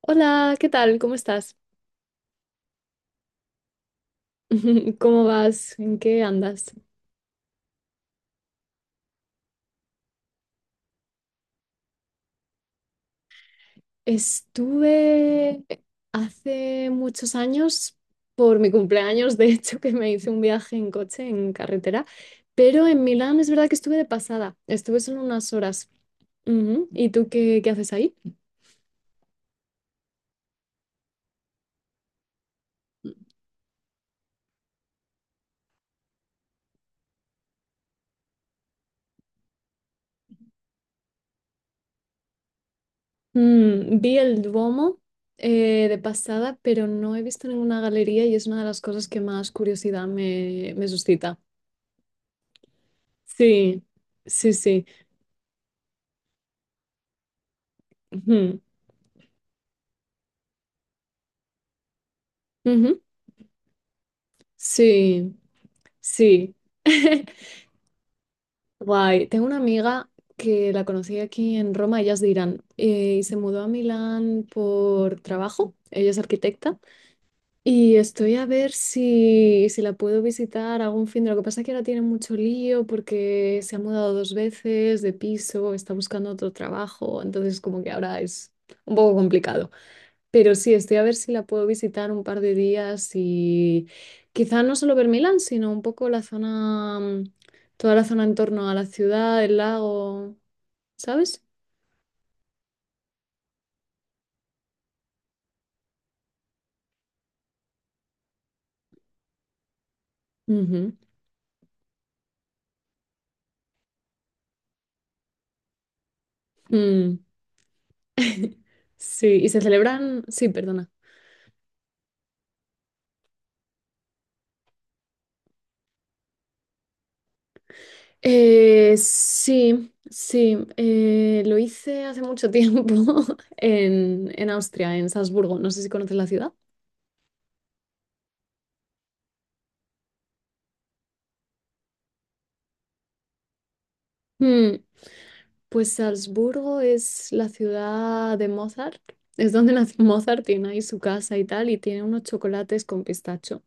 Hola, ¿qué tal? ¿Cómo estás? ¿Cómo vas? ¿En qué andas? Estuve hace muchos años, por mi cumpleaños, de hecho, que me hice un viaje en coche, en carretera, pero en Milán es verdad que estuve de pasada, estuve solo unas horas. Ujú. ¿Y tú qué haces ahí? Vi el Duomo de pasada, pero no he visto ninguna galería y es una de las cosas que más curiosidad me suscita. Sí, sí, sí. Ujú. Ujú. Sí, sí. Guay. Tengo una amiga que la conocí aquí en Roma, ella es de Irán, y se mudó a Milán por trabajo. Ella es arquitecta y estoy a ver si la puedo visitar algún fin de... Lo que pasa es que ahora tiene mucho lío porque se ha mudado dos veces de piso, está buscando otro trabajo, entonces como que ahora es un poco complicado. Pero sí, estoy a ver si la puedo visitar un par de días y quizá no solo ver Milán, sino un poco la zona, toda la zona en torno a la ciudad, el lago, ¿sabes? Ujú. Mm. Sí, y se celebran, sí, perdona. Sí, sí, lo hice hace mucho tiempo en Austria, en Salzburgo, no sé si conoces la ciudad. Mm. Pues Salzburgo es la ciudad de Mozart, es donde nació Mozart, tiene ahí su casa y tal, y tiene unos chocolates con pistacho,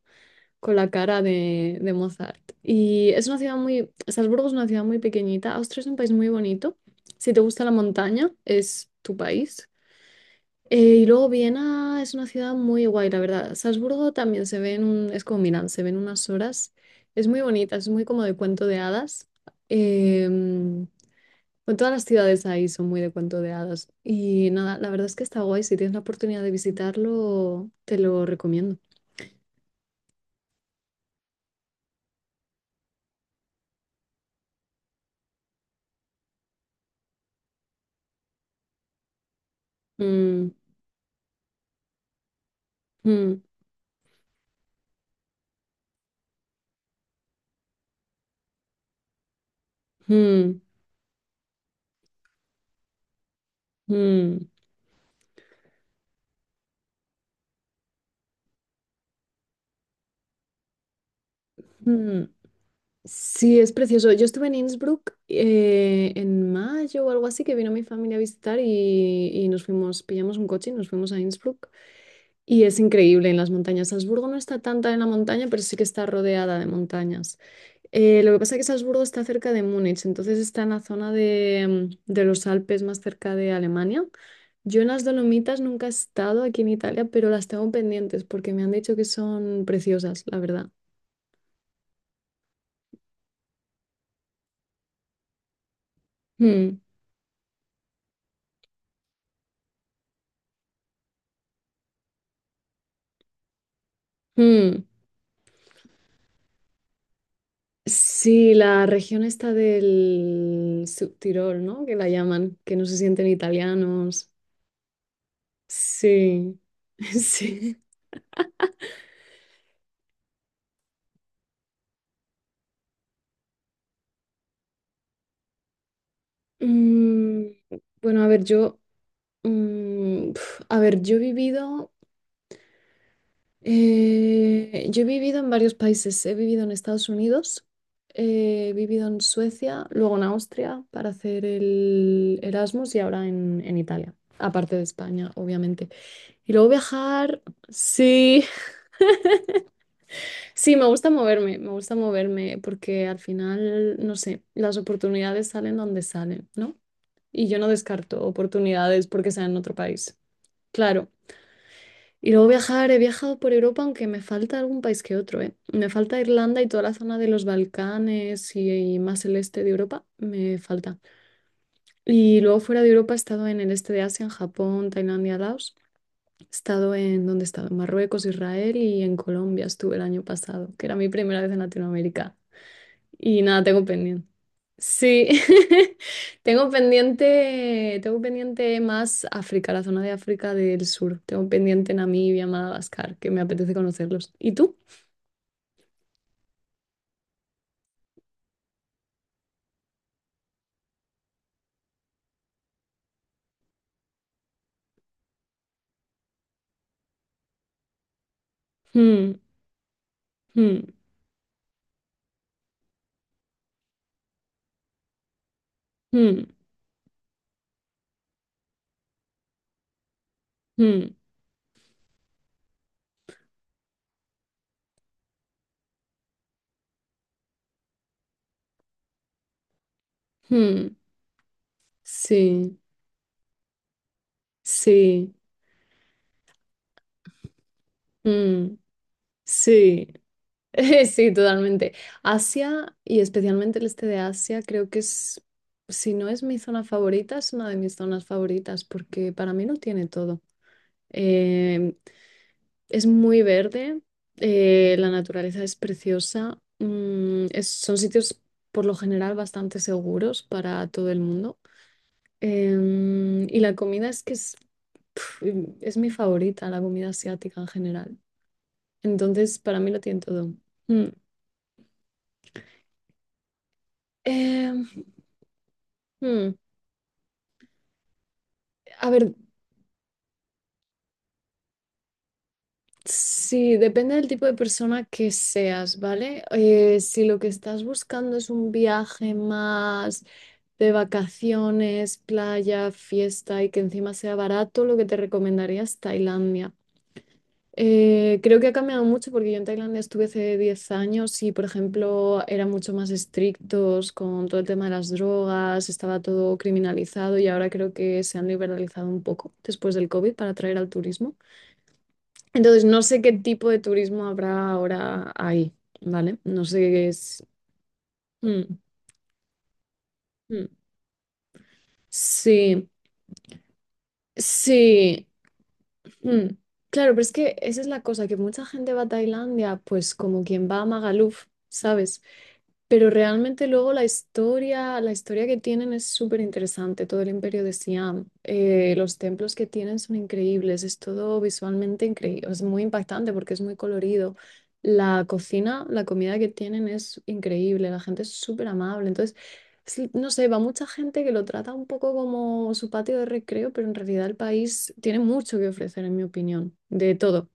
con la cara de Mozart. Y es una ciudad muy, Salzburgo es una ciudad muy pequeñita, Austria es un país muy bonito, si te gusta la montaña, es tu país. Y luego Viena es una ciudad muy guay, la verdad. Salzburgo también se ve en un, es como Milán, se ven unas horas, es muy bonita, es muy como de cuento de hadas. Eh, bueno, todas las ciudades ahí son muy de cuento de hadas. Y nada, la verdad es que está guay. Si tienes la oportunidad de visitarlo, te lo recomiendo. Mm, mm, mm, mm, mm. Sí, es precioso. Yo estuve en Innsbruck en mayo o algo así, que vino mi familia a visitar y nos fuimos, pillamos un coche y nos fuimos a Innsbruck. Y es increíble en las montañas. Salzburgo no está tanta en la montaña, pero sí que está rodeada de montañas. Lo que pasa es que Salzburgo está cerca de Múnich, entonces está en la zona de los Alpes más cerca de Alemania. Yo en las Dolomitas nunca he estado aquí en Italia, pero las tengo pendientes porque me han dicho que son preciosas, la verdad. Mm, mm. Sí, la región está del Subtirol, ¿no? Que la llaman, que no se sienten italianos. Sí, sí. Mm, bueno, a ver, yo he vivido, yo he vivido en varios países. He vivido en Estados Unidos, he vivido en Suecia, luego en Austria para hacer el Erasmus y ahora en Italia, aparte de España, obviamente. Y luego viajar, sí, sí, me gusta moverme porque al final, no sé, las oportunidades salen donde salen, ¿no? Y yo no descarto oportunidades porque sea en otro país. Claro. Y luego viajar, he viajado por Europa, aunque me falta algún país que otro, ¿eh? Me falta Irlanda y toda la zona de los Balcanes y más el este de Europa, me falta. Y luego fuera de Europa he estado en el este de Asia, en Japón, Tailandia, Laos. He estado en, ¿dónde he estado? En Marruecos, Israel y en Colombia estuve el año pasado, que era mi primera vez en Latinoamérica. Y nada, tengo pendiente. Sí, tengo pendiente más África, la zona de África del Sur. Tengo pendiente Namibia, Madagascar, que me apetece conocerlos. ¿Y tú? Hmm, hmm, hmm, hmm, hmm. Sí, sí, mm, sí, sí, totalmente. Asia y especialmente el este de Asia, creo que es, si no es mi zona favorita, es una de mis zonas favoritas porque para mí no tiene todo. Em, Es muy verde, la naturaleza es preciosa, son sitios por lo general bastante seguros para todo el mundo. Y la comida es que pf, es mi favorita, la comida asiática en general. Entonces, para mí lo tiene todo. Mm. Em, mm, A ver, Sí, depende del tipo de persona que seas, ¿vale? Si lo que estás buscando es un viaje más de vacaciones, playa, fiesta y que encima sea barato, lo que te recomendaría es Tailandia. Creo que ha cambiado mucho porque yo en Tailandia estuve hace 10 años y, por ejemplo, eran mucho más estrictos con todo el tema de las drogas, estaba todo criminalizado y ahora creo que se han liberalizado un poco después del COVID para atraer al turismo. Entonces, no sé qué tipo de turismo habrá ahora ahí, ¿vale? No sé qué es. Mm, mm. Sí, sí. mm. Claro, pero es que esa es la cosa, que mucha gente va a Tailandia, pues como quien va a Magaluf, ¿sabes? Pero realmente luego la historia que tienen es súper interesante, todo el imperio de Siam. Los templos que tienen son increíbles, es todo visualmente increíble, es muy impactante porque es muy colorido. La cocina, la comida que tienen es increíble, la gente es súper amable. Entonces, sí, no sé, va mucha gente que lo trata un poco como su patio de recreo, pero en realidad el país tiene mucho que ofrecer, en mi opinión, de todo.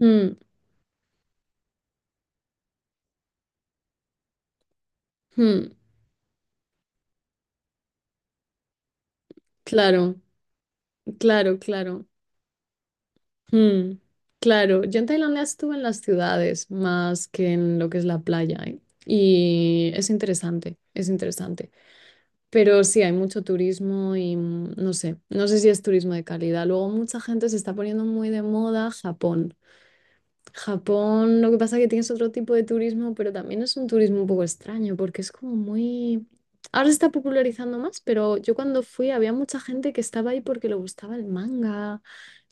Mm, mm, claro, claro, claro. Mm, claro, yo en Tailandia estuve en las ciudades más que en lo que es la playa, ¿eh? Y es interesante, es interesante. Pero sí, hay mucho turismo y no sé, no sé si es turismo de calidad. Luego mucha gente se está poniendo muy de moda Japón. Japón, lo que pasa es que tienes otro tipo de turismo, pero también es un turismo un poco extraño, porque es como muy... Ahora se está popularizando más, pero yo cuando fui había mucha gente que estaba ahí porque le gustaba el manga, o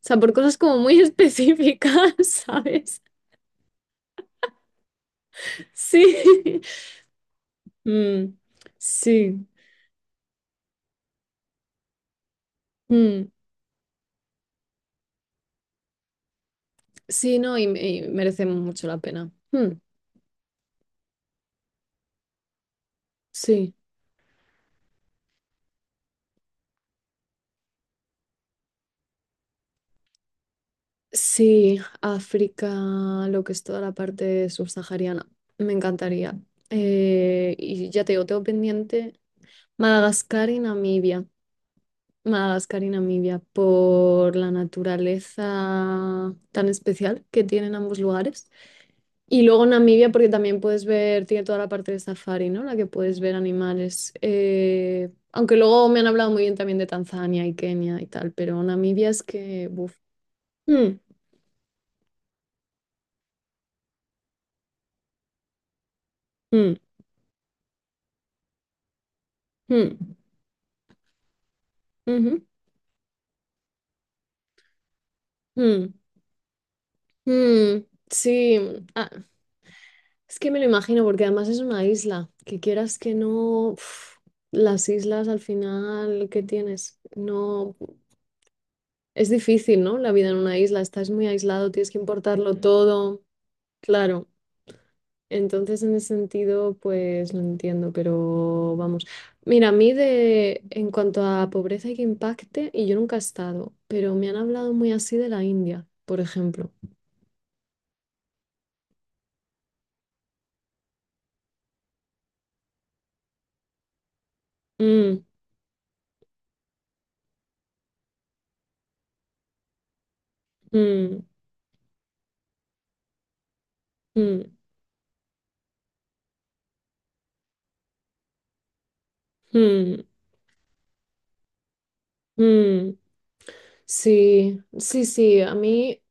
sea, por cosas como muy específicas, ¿sabes? Sí. Mm, sí. Mm, sí, no, y merece mucho la pena. Sí. Sí, África, lo que es toda la parte subsahariana. Me encantaría. Y ya te digo, tengo pendiente Madagascar y Namibia. Madagascar y Namibia, por la naturaleza tan especial que tienen ambos lugares. Y luego Namibia, porque también puedes ver, tiene toda la parte de safari, ¿no? La que puedes ver animales. Aunque luego me han hablado muy bien también de Tanzania y Kenia y tal, pero Namibia es que... buf. Mm, mm, mm, ujú. Mm, sí, ah, es que me lo imagino porque además es una isla, que quieras que no, uf, las islas al final, ¿qué tienes? No, es difícil, ¿no? La vida en una isla, estás muy aislado, tienes que importarlo Ujú. Todo, claro. Entonces, en ese sentido, pues lo entiendo, pero vamos. Mira, en cuanto a pobreza y que impacte, y yo nunca he estado, pero me han hablado muy así de la India, por ejemplo. Mm, mm, mm. Mm, mm, sí, sí, sí, a mí,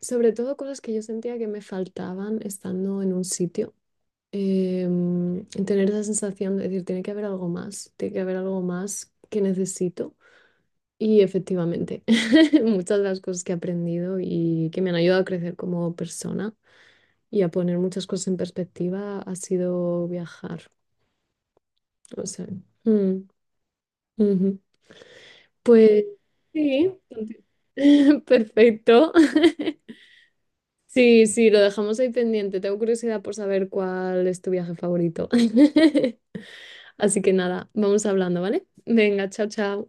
sobre todo cosas que yo sentía que me faltaban estando en un sitio, tener esa sensación de decir, tiene que haber algo más, tiene que haber algo más que necesito. Y efectivamente, muchas de las cosas que he aprendido y que me han ayudado a crecer como persona y a poner muchas cosas en perspectiva ha sido viajar. O sea, mm, ujú. Pues sí, perfecto. Sí, sí, lo dejamos ahí pendiente. Tengo curiosidad por saber cuál es tu viaje favorito. Así que nada, vamos hablando, ¿vale? Venga, chao, chao.